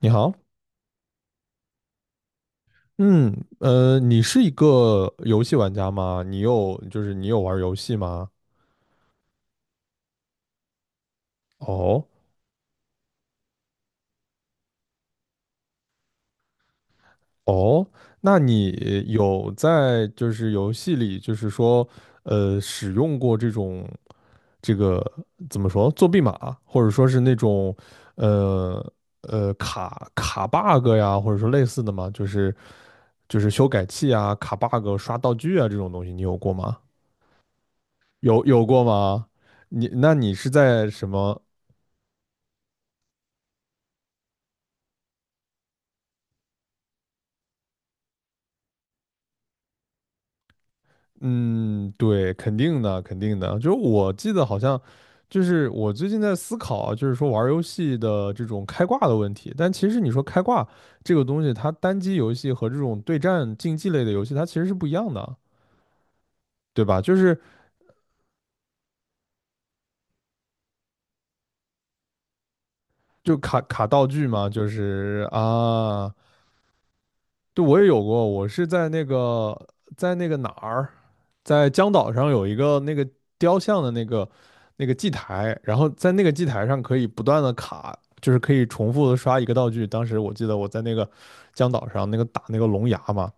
你好。嗯，你是一个游戏玩家吗？你有，你有玩游戏吗？哦。哦，那你有在游戏里，就是说，使用过这种这个怎么说作弊码，或者说是那种呃卡 bug 呀，或者说类似的吗？就是修改器啊、卡 bug、刷道具啊这种东西，你有过吗？有过吗？你那你是在什么？嗯，对，肯定的，肯定的。就是我记得好像，就是我最近在思考啊，就是说玩儿游戏的这种开挂的问题。但其实你说开挂这个东西，它单机游戏和这种对战竞技类的游戏，它其实是不一样的，对吧？就是就卡卡道具嘛，就是啊。对，我也有过，我是在那个在那个哪儿，在江岛上有一个那个雕像的那个那个祭台，然后在那个祭台上可以不断的卡，就是可以重复的刷一个道具。当时我记得我在那个江岛上那个打那个龙牙嘛，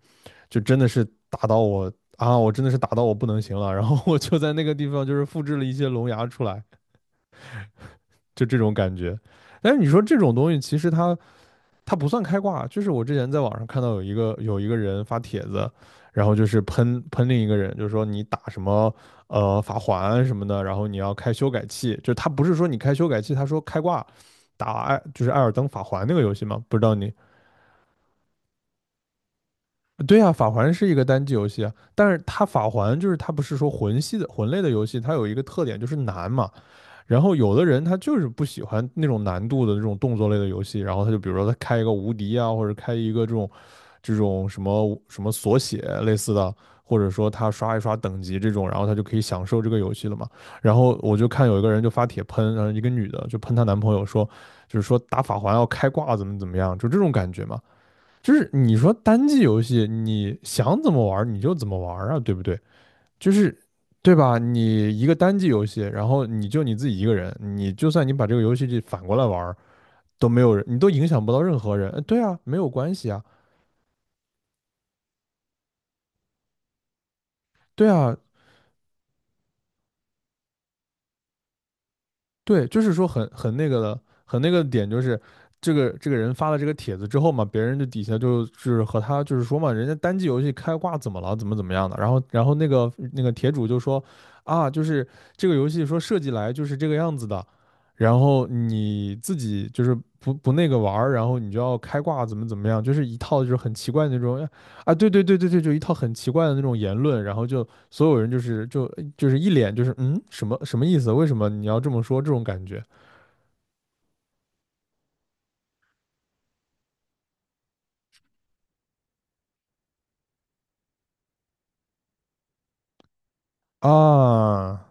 就真的是打到我啊，我真的是打到我不能行了，然后我就在那个地方就是复制了一些龙牙出来，就这种感觉。但是你说这种东西，其实它不算开挂，就是我之前在网上看到有一个人发帖子，然后就是喷另一个人，就是说你打什么法环什么的，然后你要开修改器，就他不是说你开修改器，他说开挂打艾就是艾尔登法环那个游戏嘛，不知道你对呀。啊，法环是一个单机游戏啊，但是它法环就是它不是说魂系的魂类的游戏，它有一个特点就是难嘛，然后有的人他就是不喜欢那种难度的那种动作类的游戏，然后他就比如说他开一个无敌啊，或者开一个这种什么什么锁血类似的，或者说他刷一刷等级这种，然后他就可以享受这个游戏了嘛。然后我就看有一个人就发帖喷，然后一个女的就喷她男朋友说，就是说打法环要开挂怎么怎么样，就这种感觉嘛。就是你说单机游戏，你想怎么玩你就怎么玩啊，对不对？就是对吧？你一个单机游戏，然后你就你自己一个人，你就算你把这个游戏反过来玩儿，都没有人，你都影响不到任何人。对啊，没有关系啊。对啊。对，就是说很很那个的，很那个的点就是这个这个人发了这个帖子之后嘛，别人就底下就是和他就是说嘛，人家单机游戏开挂怎么了，怎么怎么样的，然后那个帖主就说啊，就是这个游戏说设计来就是这个样子的，然后你自己就是不那个玩儿，然后你就要开挂怎么怎么样，就是一套就是很奇怪的那种。啊，对对对对对，就一套很奇怪的那种言论，然后就所有人就是就就是一脸就是什么什么意思？为什么你要这么说？这种感觉啊。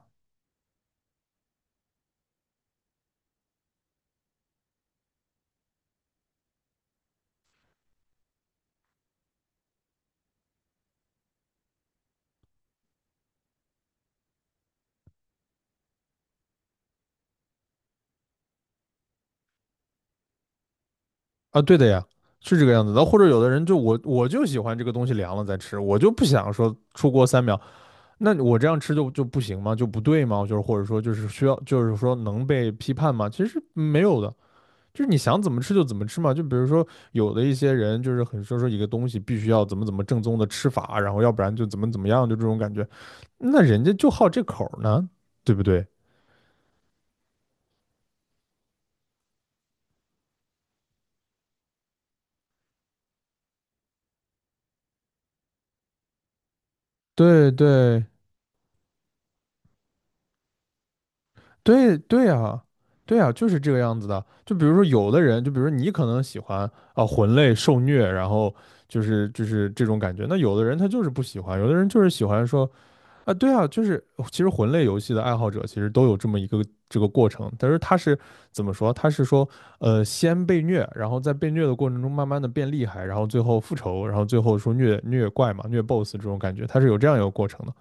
啊，对的呀，是这个样子的。或者有的人就我就喜欢这个东西凉了再吃，我就不想说出锅三秒，那我这样吃就不行吗？就不对吗？就是或者说就是需要就是说能被批判吗？其实没有的。就是你想怎么吃就怎么吃嘛。就比如说有的一些人就是很说一个东西必须要怎么怎么正宗的吃法，然后要不然就怎么怎么样，就这种感觉。那人家就好这口呢，对不对？对对对。对啊，对啊，就是这个样子的。就比如说有的人，就比如说你可能喜欢啊魂类受虐，然后就是这种感觉。那有的人他就是不喜欢，有的人就是喜欢说啊。对啊，就是其实魂类游戏的爱好者其实都有这么一个这个过程，但是他是怎么说？他是说，先被虐，然后在被虐的过程中慢慢的变厉害，然后最后复仇，然后最后说虐虐怪嘛，虐 BOSS 这种感觉，他是有这样一个过程的。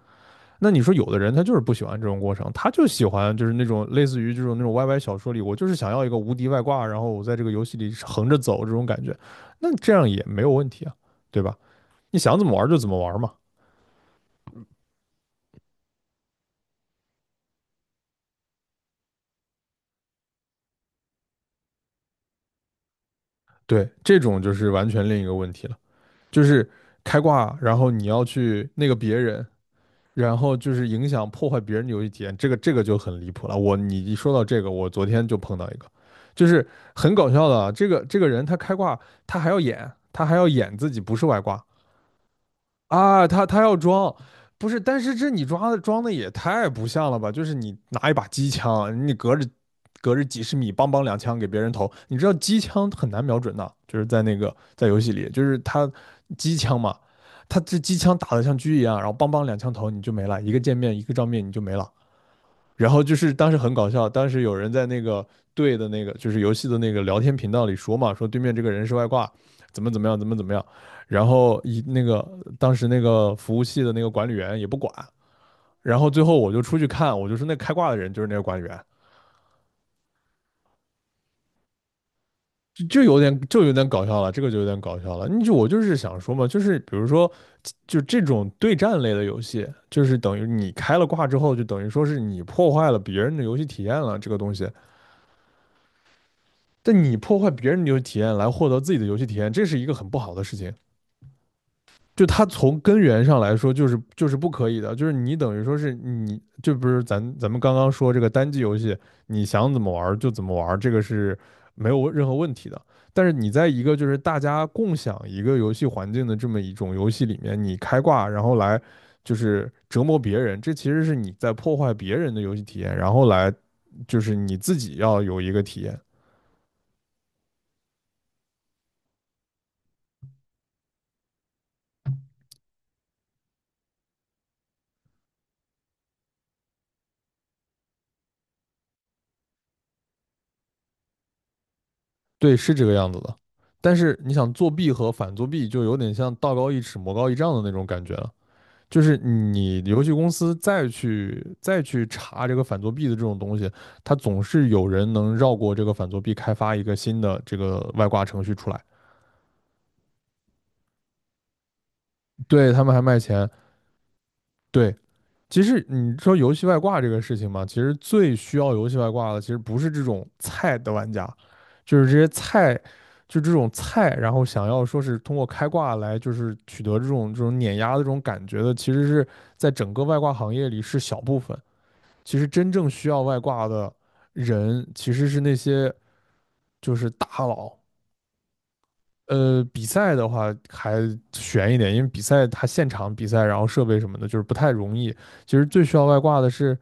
那你说有的人他就是不喜欢这种过程，他就喜欢就是那种类似于这种那种 YY 小说里，我就是想要一个无敌外挂，然后我在这个游戏里横着走这种感觉，那这样也没有问题啊，对吧？你想怎么玩就怎么玩嘛。对，这种就是完全另一个问题了。就是开挂，然后你要去那个别人，然后就是影响破坏别人的游戏体验，这个就很离谱了。我你一说到这个，我昨天就碰到一个，就是很搞笑的啊，这个人他开挂，他还要演，他还要演自己不是外挂。啊，他要装，不是，但是这你抓的装的也太不像了吧？就是你拿一把机枪，你隔着几十米，梆梆两枪给别人投。你知道机枪很难瞄准的，就是在那个在游戏里，就是他机枪嘛，他这机枪打的像狙一样，然后梆梆两枪头你就没了，一个见面一个照面你就没了。然后就是当时很搞笑，当时有人在那个队的那个就是游戏的那个聊天频道里说嘛，说对面这个人是外挂，怎么怎么样，怎么怎么样。然后一那个当时那个服务器的那个管理员也不管，然后最后我就出去看，我就说那开挂的人就是那个管理员。就有点有点搞笑了，这个就有点搞笑了。你就我就是想说嘛，就是比如说就这种对战类的游戏，就是等于你开了挂之后，就等于说是你破坏了别人的游戏体验了，这个东西。但你破坏别人的游戏体验来获得自己的游戏体验，这是一个很不好的事情。就它从根源上来说，就是不可以的。就是你等于说是你，就不是咱们刚刚说这个单机游戏，你想怎么玩就怎么玩这个是没有任何问题的。但是你在一个就是大家共享一个游戏环境的这么一种游戏里面，你开挂然后来就是折磨别人，这其实是你在破坏别人的游戏体验，然后来就是你自己要有一个体验。对，是这个样子的。但是你想作弊和反作弊，就有点像道高一尺，魔高一丈的那种感觉了。就是你游戏公司再去查这个反作弊的这种东西，它总是有人能绕过这个反作弊，开发一个新的这个外挂程序出来。对，他们还卖钱。对，其实你说游戏外挂这个事情嘛，其实最需要游戏外挂的，其实不是这种菜的玩家，就是这些菜，就这种菜，然后想要说是通过开挂来就是取得这种碾压的这种感觉的，其实是在整个外挂行业里是小部分。其实真正需要外挂的人，其实是那些就是大佬。比赛的话还悬一点，因为比赛它现场比赛，然后设备什么的，就是不太容易。其实最需要外挂的是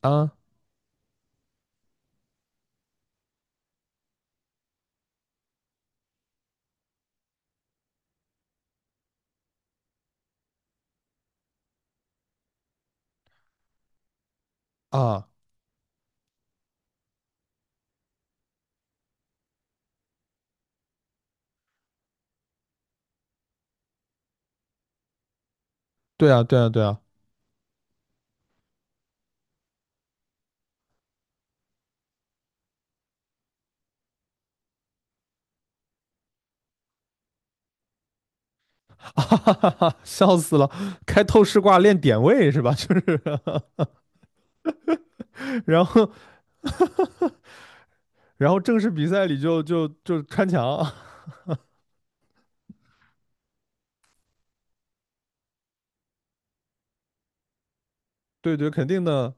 啊。啊，对啊，对啊，对啊。哈哈哈哈，笑死了！开透视挂练点位是吧？就是，然后，然后正式比赛里就穿墙。对对，肯定的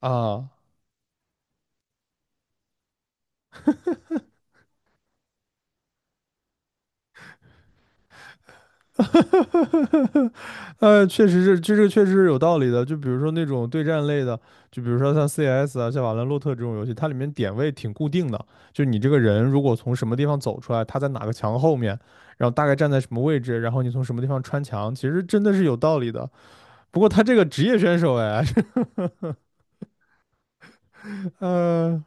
啊。确实是，这个确实是有道理的。就比如说那种对战类的，就比如说像 CS 啊，像瓦兰洛特这种游戏，它里面点位挺固定的，就你这个人如果从什么地方走出来，他在哪个墙后面，然后大概站在什么位置，然后你从什么地方穿墙，其实真的是有道理的。不过他这个职业选手哎。嗯，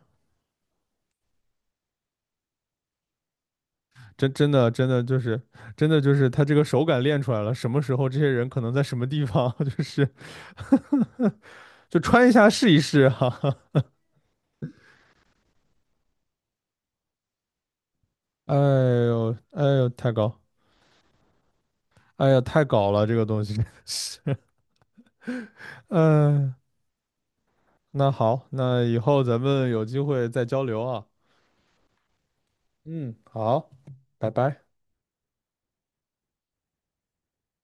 真的就是他这个手感练出来了，什么时候这些人可能在什么地方，就是 就穿一下试一试哈哈。哎呦哎呦，太高，哎呀太搞了这个东西 嗯、那好，那以后咱们有机会再交流啊。嗯，好。拜拜。